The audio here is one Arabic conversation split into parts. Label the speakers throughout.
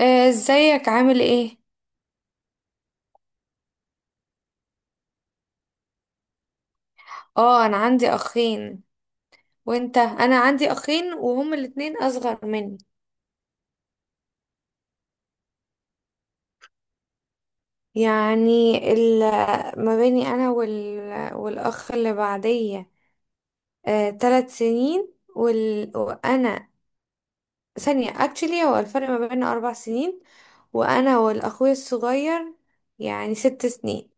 Speaker 1: ازيك عامل ايه؟ اه، انا عندي اخين. وانت؟ انا عندي اخين وهم الاتنين اصغر مني. يعني ما بيني انا والاخ اللي بعدية 3 سنين وانا ثانية اكشلي، هو الفرق ما بيننا 4 سنين. وانا والاخوي الصغير يعني 6 سنين.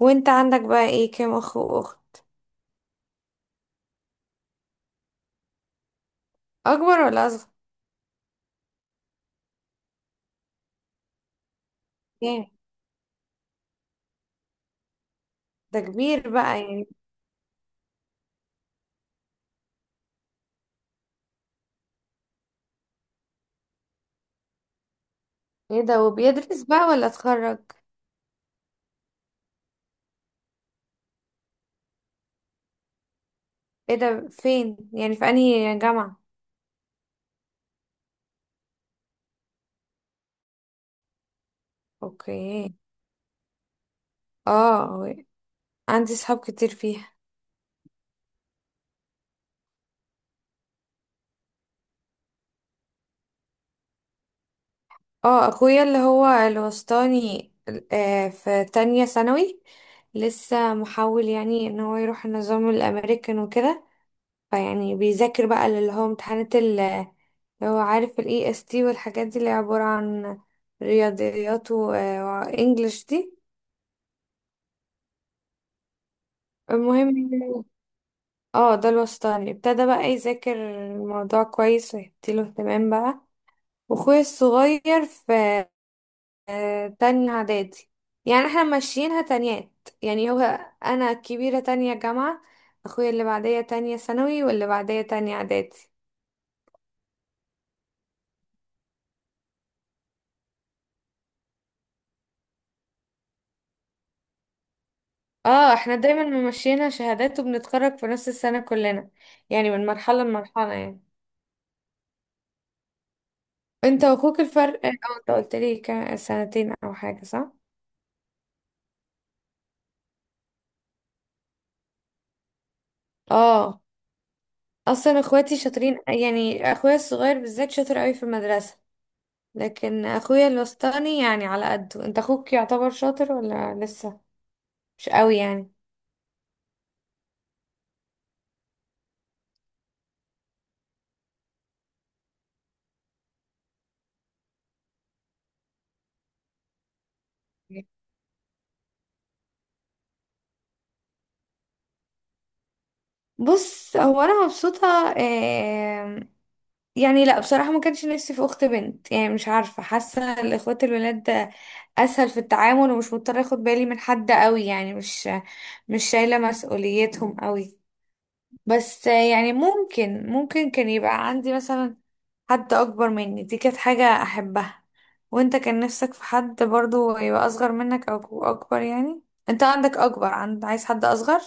Speaker 1: وانت عندك بقى ايه، كام اخ واخت؟ اكبر ولا اصغر؟ ايه ده، كبير بقى يعني. ايه ده، وبيدرس بقى ولا اتخرج؟ ايه ده، فين يعني، في انهي جامعة؟ اوكي. اه، عندي صحاب كتير فيها. اه، اخويا اللي هو الوسطاني في تانية ثانوي. لسه محاول يعني ان هو يروح النظام الامريكان وكده. فيعني بيذاكر بقى اللي هو امتحانات اللي هو عارف الاي اس تي والحاجات دي، اللي عبارة عن رياضيات و- وانجلش دي. المهم يعني، اه، ده الوسطاني ابتدى بقى يذاكر الموضوع كويس ويديله اهتمام بقى. واخويا الصغير في تانية اعدادي. يعني احنا ماشيينها تانيات يعني هو. انا الكبيرة تانية جامعة، اخويا اللي بعدية تانية ثانوي واللي بعدية تانية اعدادي. اه، احنا دايما ماشيينها شهادات وبنتخرج في نفس السنة كلنا، يعني من مرحلة لمرحلة يعني. انت واخوك الفرق اه، انت قلت لي كان سنتين او حاجة صح؟ اه. اصلا اخواتي شاطرين، يعني اخويا الصغير بالذات شاطر قوي في المدرسة. لكن اخويا الوسطاني يعني على قده، انت اخوك يعتبر شاطر ولا لسه مش قوي يعني؟ بص، هو انا مبسوطه. آم، يعني لا، بصراحه ما كانش نفسي في اخت بنت. يعني مش عارفه، حاسه الاخوات الولاد ده اسهل في التعامل، ومش مضطره اخد بالي من حد قوي، يعني مش شايله مسؤوليتهم قوي. بس يعني ممكن كان يبقى عندي مثلا حد اكبر مني، دي كانت حاجة احبها. وانت كان نفسك في حد برضو يبقى اصغر منك او اكبر يعني؟ انت عندك اكبر، عايز حد اصغر؟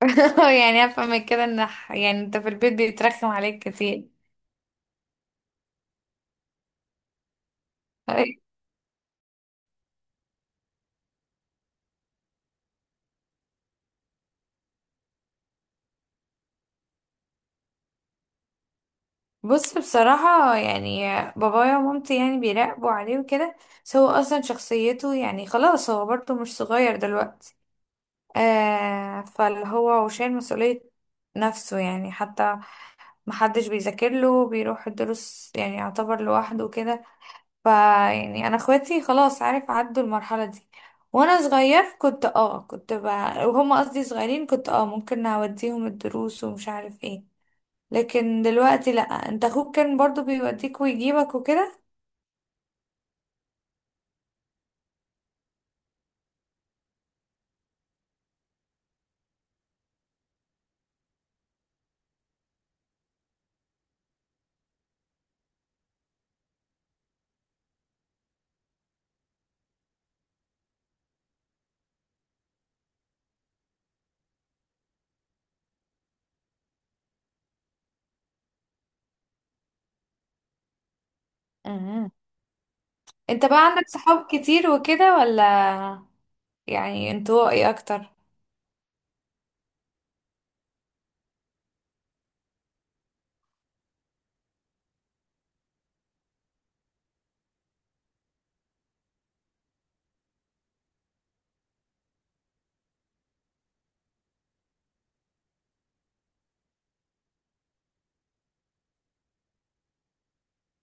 Speaker 1: يعني افهم من كده ان يعني انت في البيت بيترخم عليك كتير. بص، بصراحة يعني، بابايا ومامتي يعني بيراقبوا عليه وكده، بس هو اصلا شخصيته يعني خلاص، هو برضو مش صغير دلوقتي. آه، فاللي هو شايل مسؤولية نفسه يعني. حتى محدش بيذاكر له، بيروح الدروس يعني، يعتبر لوحده كده. ف يعني انا اخواتي خلاص عارف عدوا المرحله دي. وانا صغير كنت وهم قصدي صغيرين، كنت اه، ممكن اوديهم الدروس ومش عارف ايه. لكن دلوقتي لا، انت اخوك كان برضو بيوديك ويجيبك وكده. امم، انت بقى عندك صحاب كتير وكده، ولا يعني انطوائي اكتر؟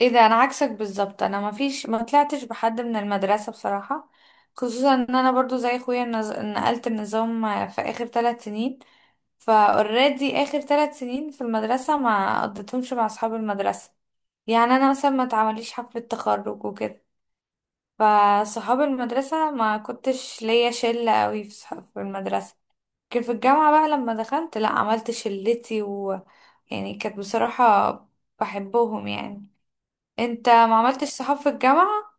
Speaker 1: ايه ده، انا عكسك بالظبط. انا ما طلعتش بحد من المدرسه بصراحه، خصوصا ان انا برضو زي اخويا نقلت النظام في اخر 3 سنين. فاوريدي اخر 3 سنين في المدرسه ما قضيتهمش مع اصحاب المدرسه. يعني انا مثلا ما اتعمليش حفله تخرج وكده. فصحاب المدرسه ما كنتش ليا شله قوي في صحاب في المدرسه. لكن في الجامعه بقى لما دخلت، لا عملت شلتي، ويعني كانت بصراحه بحبهم يعني. انت ما عملتش صحاب في الجامعه؟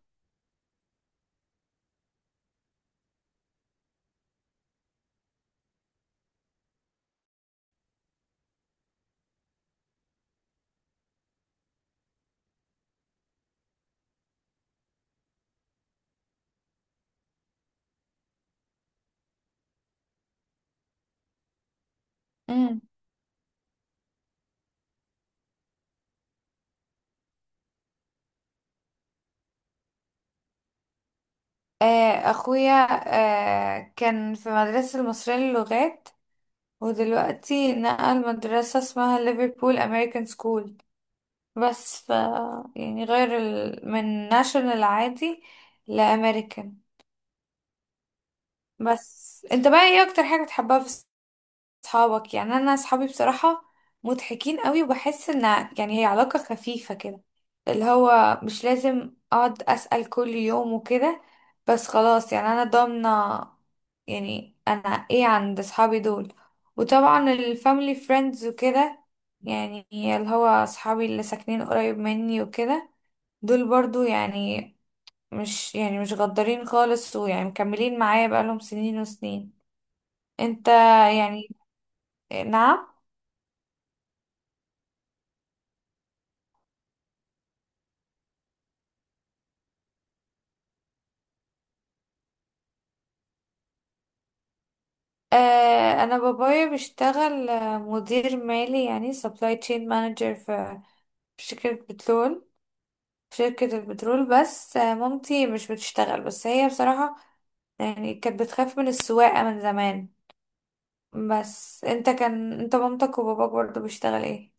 Speaker 1: مم. آه، اخويا كان في مدرسة المصرية للغات، ودلوقتي نقل مدرسة اسمها ليفربول امريكان سكول. بس ف يعني غير من ناشونال عادي لامريكان. بس انت بقى ايه اكتر حاجة بتحبها في صحابك؟ يعني انا صحابي بصراحة مضحكين قوي، وبحس ان يعني هي علاقة خفيفة كده، اللي هو مش لازم اقعد اسأل كل يوم وكده، بس خلاص، يعني انا ضامنة يعني انا ايه عند صحابي دول. وطبعا الفاميلي فريندز وكده، يعني اللي هو صحابي اللي ساكنين قريب مني وكده، دول برضو يعني مش يعني مش غدارين خالص، ويعني مكملين معايا بقالهم سنين وسنين. انت، يعني، نعم؟ انا بابايا بيشتغل مدير مالي، يعني سبلاي تشين مانجر في شركة بترول، في شركة البترول. بس مامتي مش بتشتغل، بس هي بصراحة يعني كانت بتخاف من السواقة من زمان. بس انت كان انت مامتك وباباك برضه بيشتغل ايه؟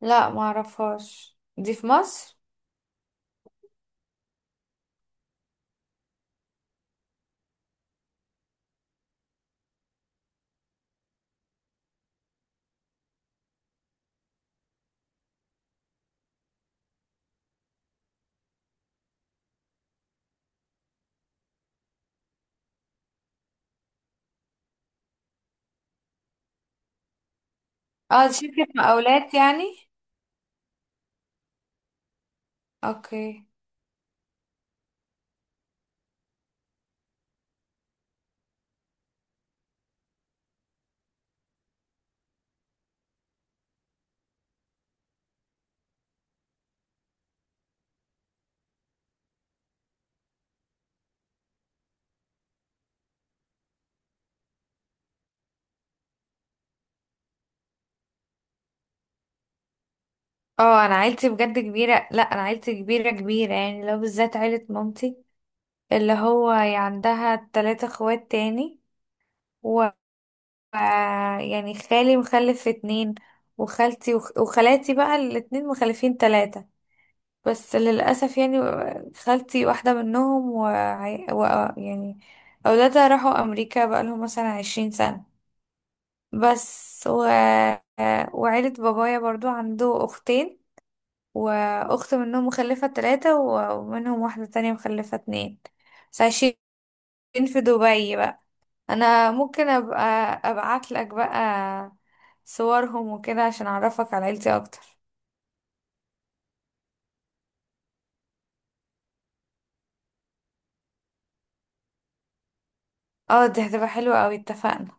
Speaker 1: لا، ما اعرفهاش دي في مصر. اه دي شركة مقاولات يعني. اوكي. اه، انا عيلتي بجد كبيرة. لا، انا عيلتي كبيرة كبيرة، يعني لو بالذات عيلة مامتي اللي هو هي عندها 3 اخوات تاني. و يعني خالي مخلف اتنين، وخالتي وخالاتي بقى الاتنين مخلفين تلاتة. بس للأسف يعني خالتي واحدة منهم و... يعني أولادها راحوا أمريكا بقالهم مثلا 20 سنة بس. وعيلة بابايا برضو عنده أختين، وأخت منهم مخلفة تلاتة ومنهم واحدة تانية مخلفة اتنين، بس عايشين في دبي بقى. انا ممكن ابقى ابعت لك بقى صورهم وكده عشان اعرفك على عيلتي اكتر. اه دي هتبقى حلوة اوي، اتفقنا.